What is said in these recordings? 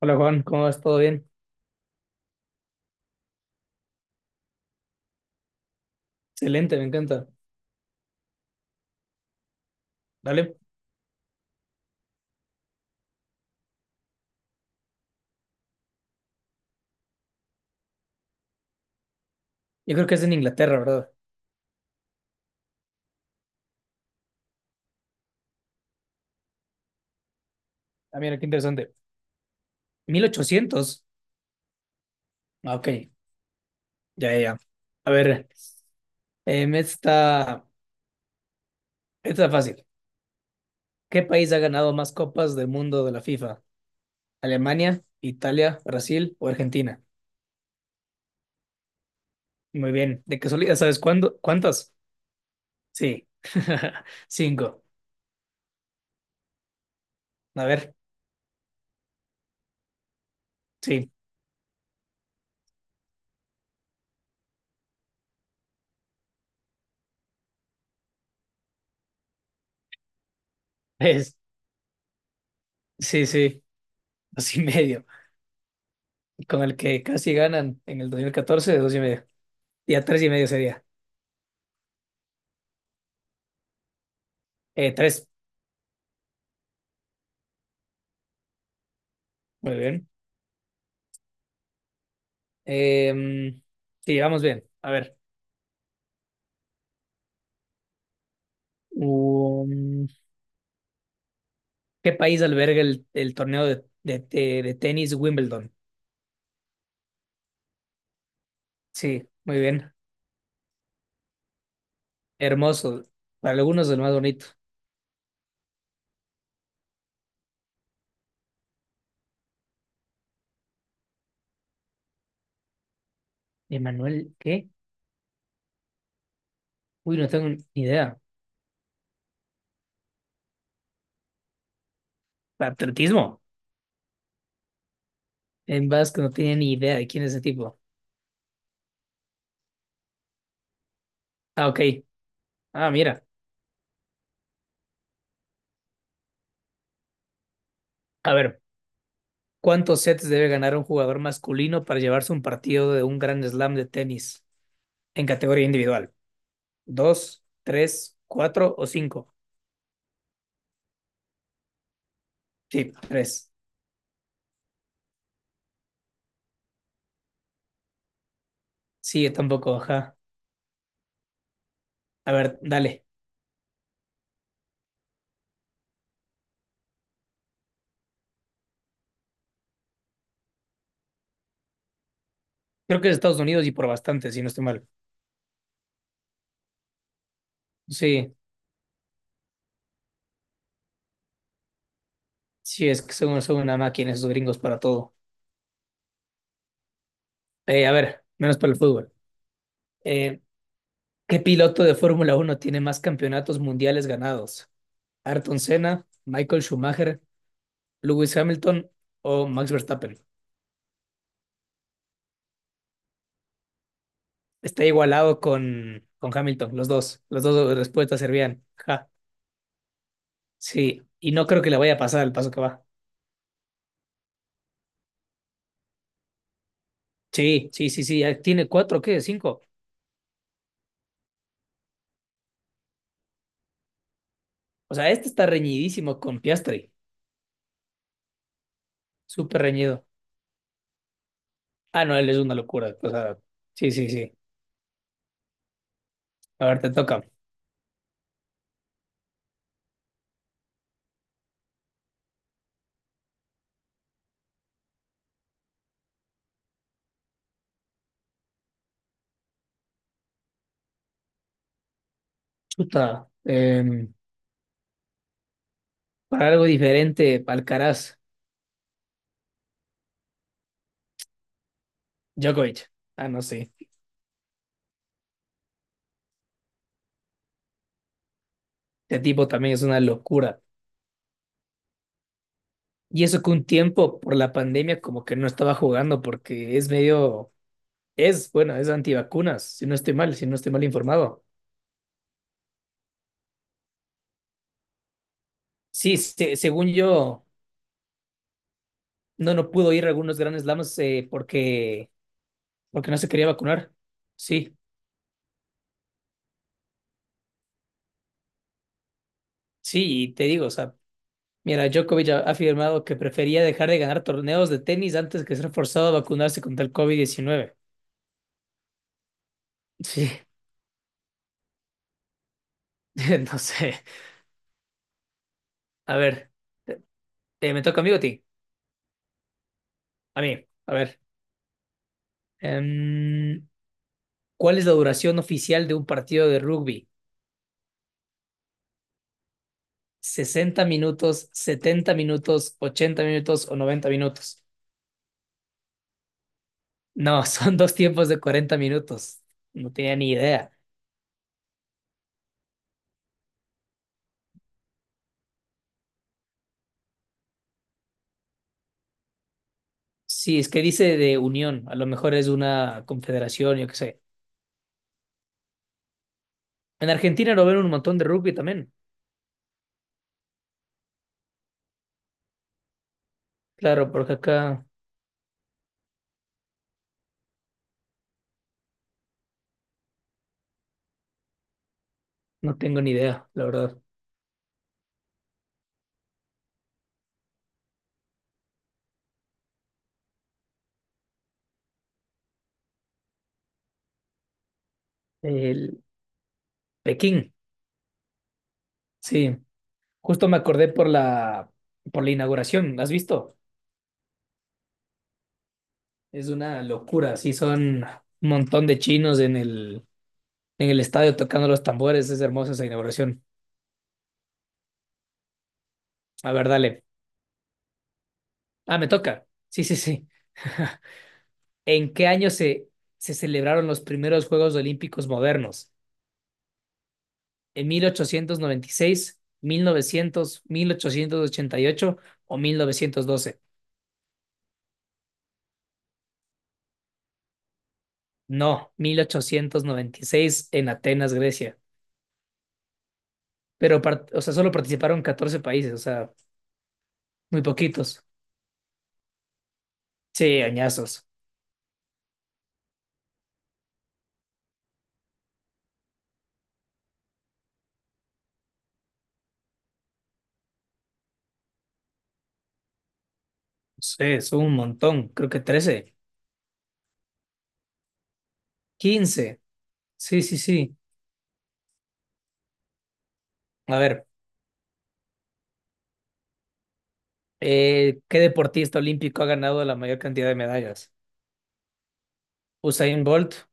Hola Juan, ¿cómo vas? ¿Todo bien? Excelente, me encanta. Dale. Yo creo que es en Inglaterra, ¿verdad? Ah, mira, qué interesante. 1800. Ah, Ok, ya, ya, ya. A ver, em, esta, esta fácil. ¿Qué país ha ganado más copas del mundo de la FIFA? ¿Alemania, Italia, Brasil o Argentina? Muy bien. ¿De casualidad sabes cuándo? ¿Cuántas? Sí. Cinco. A ver, sí. Es, sí, sí. Dos y medio. Con el que casi ganan en el 2014, dos y medio. Ya tres y medio sería. Tres. Muy bien. Eh, sí, vamos bien. A ver. Um, ¿Qué país alberga el torneo de tenis Wimbledon? Sí, muy bien. Hermoso. Para algunos el más bonito. ¿Emanuel qué? Uy, no tengo ni idea. ¿Atletismo? En vasco no tenía ni idea de quién es ese tipo. Ah, ok. Ah, mira. A ver. ¿Cuántos sets debe ganar un jugador masculino para llevarse un partido de un gran slam de tenis en categoría individual? ¿Dos, tres, cuatro o cinco? Sí, tres. Sí, tampoco, ajá. A ver, dale. Creo que es Estados Unidos y por bastante, si no estoy mal. Sí, sí, es que son una máquina esos gringos para todo. A ver, menos para el fútbol. Eh, ¿Qué piloto de Fórmula Uno tiene más campeonatos mundiales ganados? ¿Ayrton Senna, Michael Schumacher, Lewis Hamilton o Max Verstappen? Está igualado con Hamilton, los dos. Las dos respuestas servían. Ajá. Sí, y no creo que le vaya a pasar el paso que va. Sí, sí, sí, sí. Ya tiene cuatro, ¿qué? Cinco. O sea, este está reñidísimo con Piastri. Súper reñido. Ah, no, él es una locura. O sea, sí, sí, sí. A ver, te toca. Chuta. Para algo diferente, Alcaraz. Djokovic. Ah, no sé. Este tipo también es una locura. Y eso que un tiempo por la pandemia como que no estaba jugando porque es medio, es, bueno, es antivacunas, si no estoy mal, si no estoy mal informado. Sí, según yo, no, no pudo ir a algunos grandes lamas porque porque no se quería vacunar. Sí, sí, y te digo, o sea, mira, Djokovic ha afirmado que prefería dejar de ganar torneos de tenis antes que ser forzado a vacunarse contra el COVID-19. Sí, no sé. A ver, te- me toca a mí o a ti? A mí, a ver. em, ¿Cuál es la duración oficial de un partido de rugby? ¿60 minutos, 70 minutos, 80 minutos o 90 minutos? No, son dos tiempos de 40 minutos. No tenía ni idea. Sí, es que dice de unión, a lo mejor es una confederación, yo qué sé. En Argentina lo ven un montón de rugby también. Claro, porque acá no tengo ni idea, la verdad. El Pekín, sí. Justo me acordé por la, inauguración, ¿has visto? Es una locura, sí, son un montón de chinos en el estadio tocando los tambores, es hermosa esa inauguración. A ver, dale. Ah, me toca. Sí, sí, sí. ¿En qué año se celebraron los primeros Juegos Olímpicos modernos? ¿En mil ochocientos noventa y seis, mil novecientos, 1888 o 1912? No, 1896 en Atenas, Grecia. Pero, o sea, solo participaron 14 países, o sea, muy poquitos. Sí, añazos. Sí, son un montón, creo que 13. 15. Sí, sí, sí. A ver, ¿qué deportista olímpico ha ganado la mayor cantidad de medallas? Usain Bolt,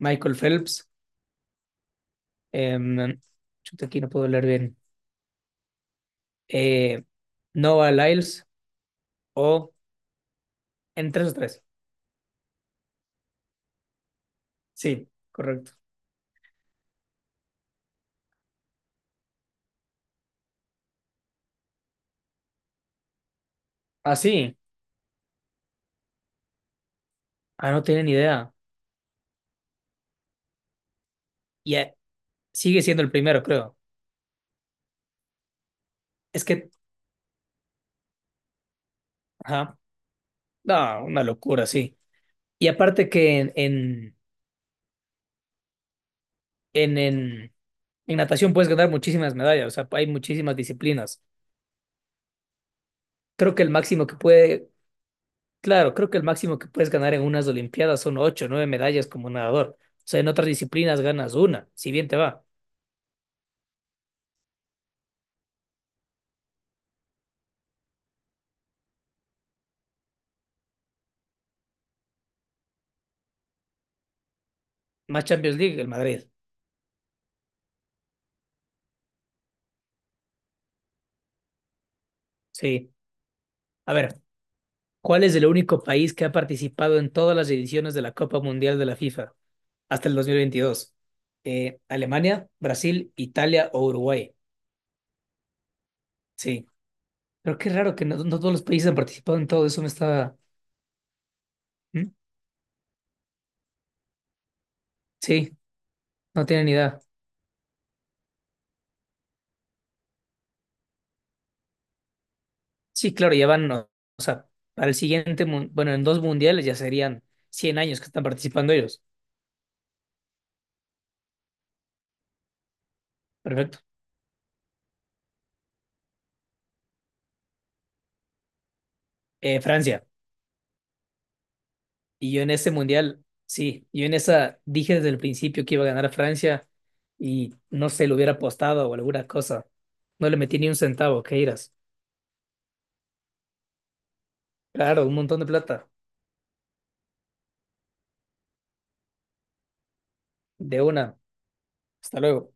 Michael Phelps, em, chuta, aquí no puedo leer bien. Eh, Noah Lyles, o en 3 o tres. Sí, correcto. Ah, sí. Ah, no tienen idea. Y sigue siendo el primero, creo. Es que, ajá. No, una locura, sí. Y aparte que en, en, en natación puedes ganar muchísimas medallas, o sea, hay muchísimas disciplinas. Creo que el máximo que puede, claro, creo que el máximo que puedes ganar en unas Olimpiadas son 8 o 9 medallas como nadador. O sea, en otras disciplinas ganas una, si bien te va. Más Champions League, el Madrid. Sí. A ver. ¿Cuál es el único país que ha participado en todas las ediciones de la Copa Mundial de la FIFA hasta el 2022? Alemania, Brasil, Italia o Uruguay. Sí, pero qué raro que no, no todos los países han participado en todo eso. Me estaba. ¿Mm? Sí, no tienen ni idea. Sí, claro, ya van, o sea, para el siguiente, bueno, en dos mundiales ya serían 100 años que están participando ellos. Perfecto. Francia. Y yo en ese mundial, sí, yo en esa dije desde el principio que iba a ganar Francia y no se lo hubiera apostado o alguna cosa. No le metí ni un centavo, ¿qué irás? Claro, un montón de plata. De una. Hasta luego.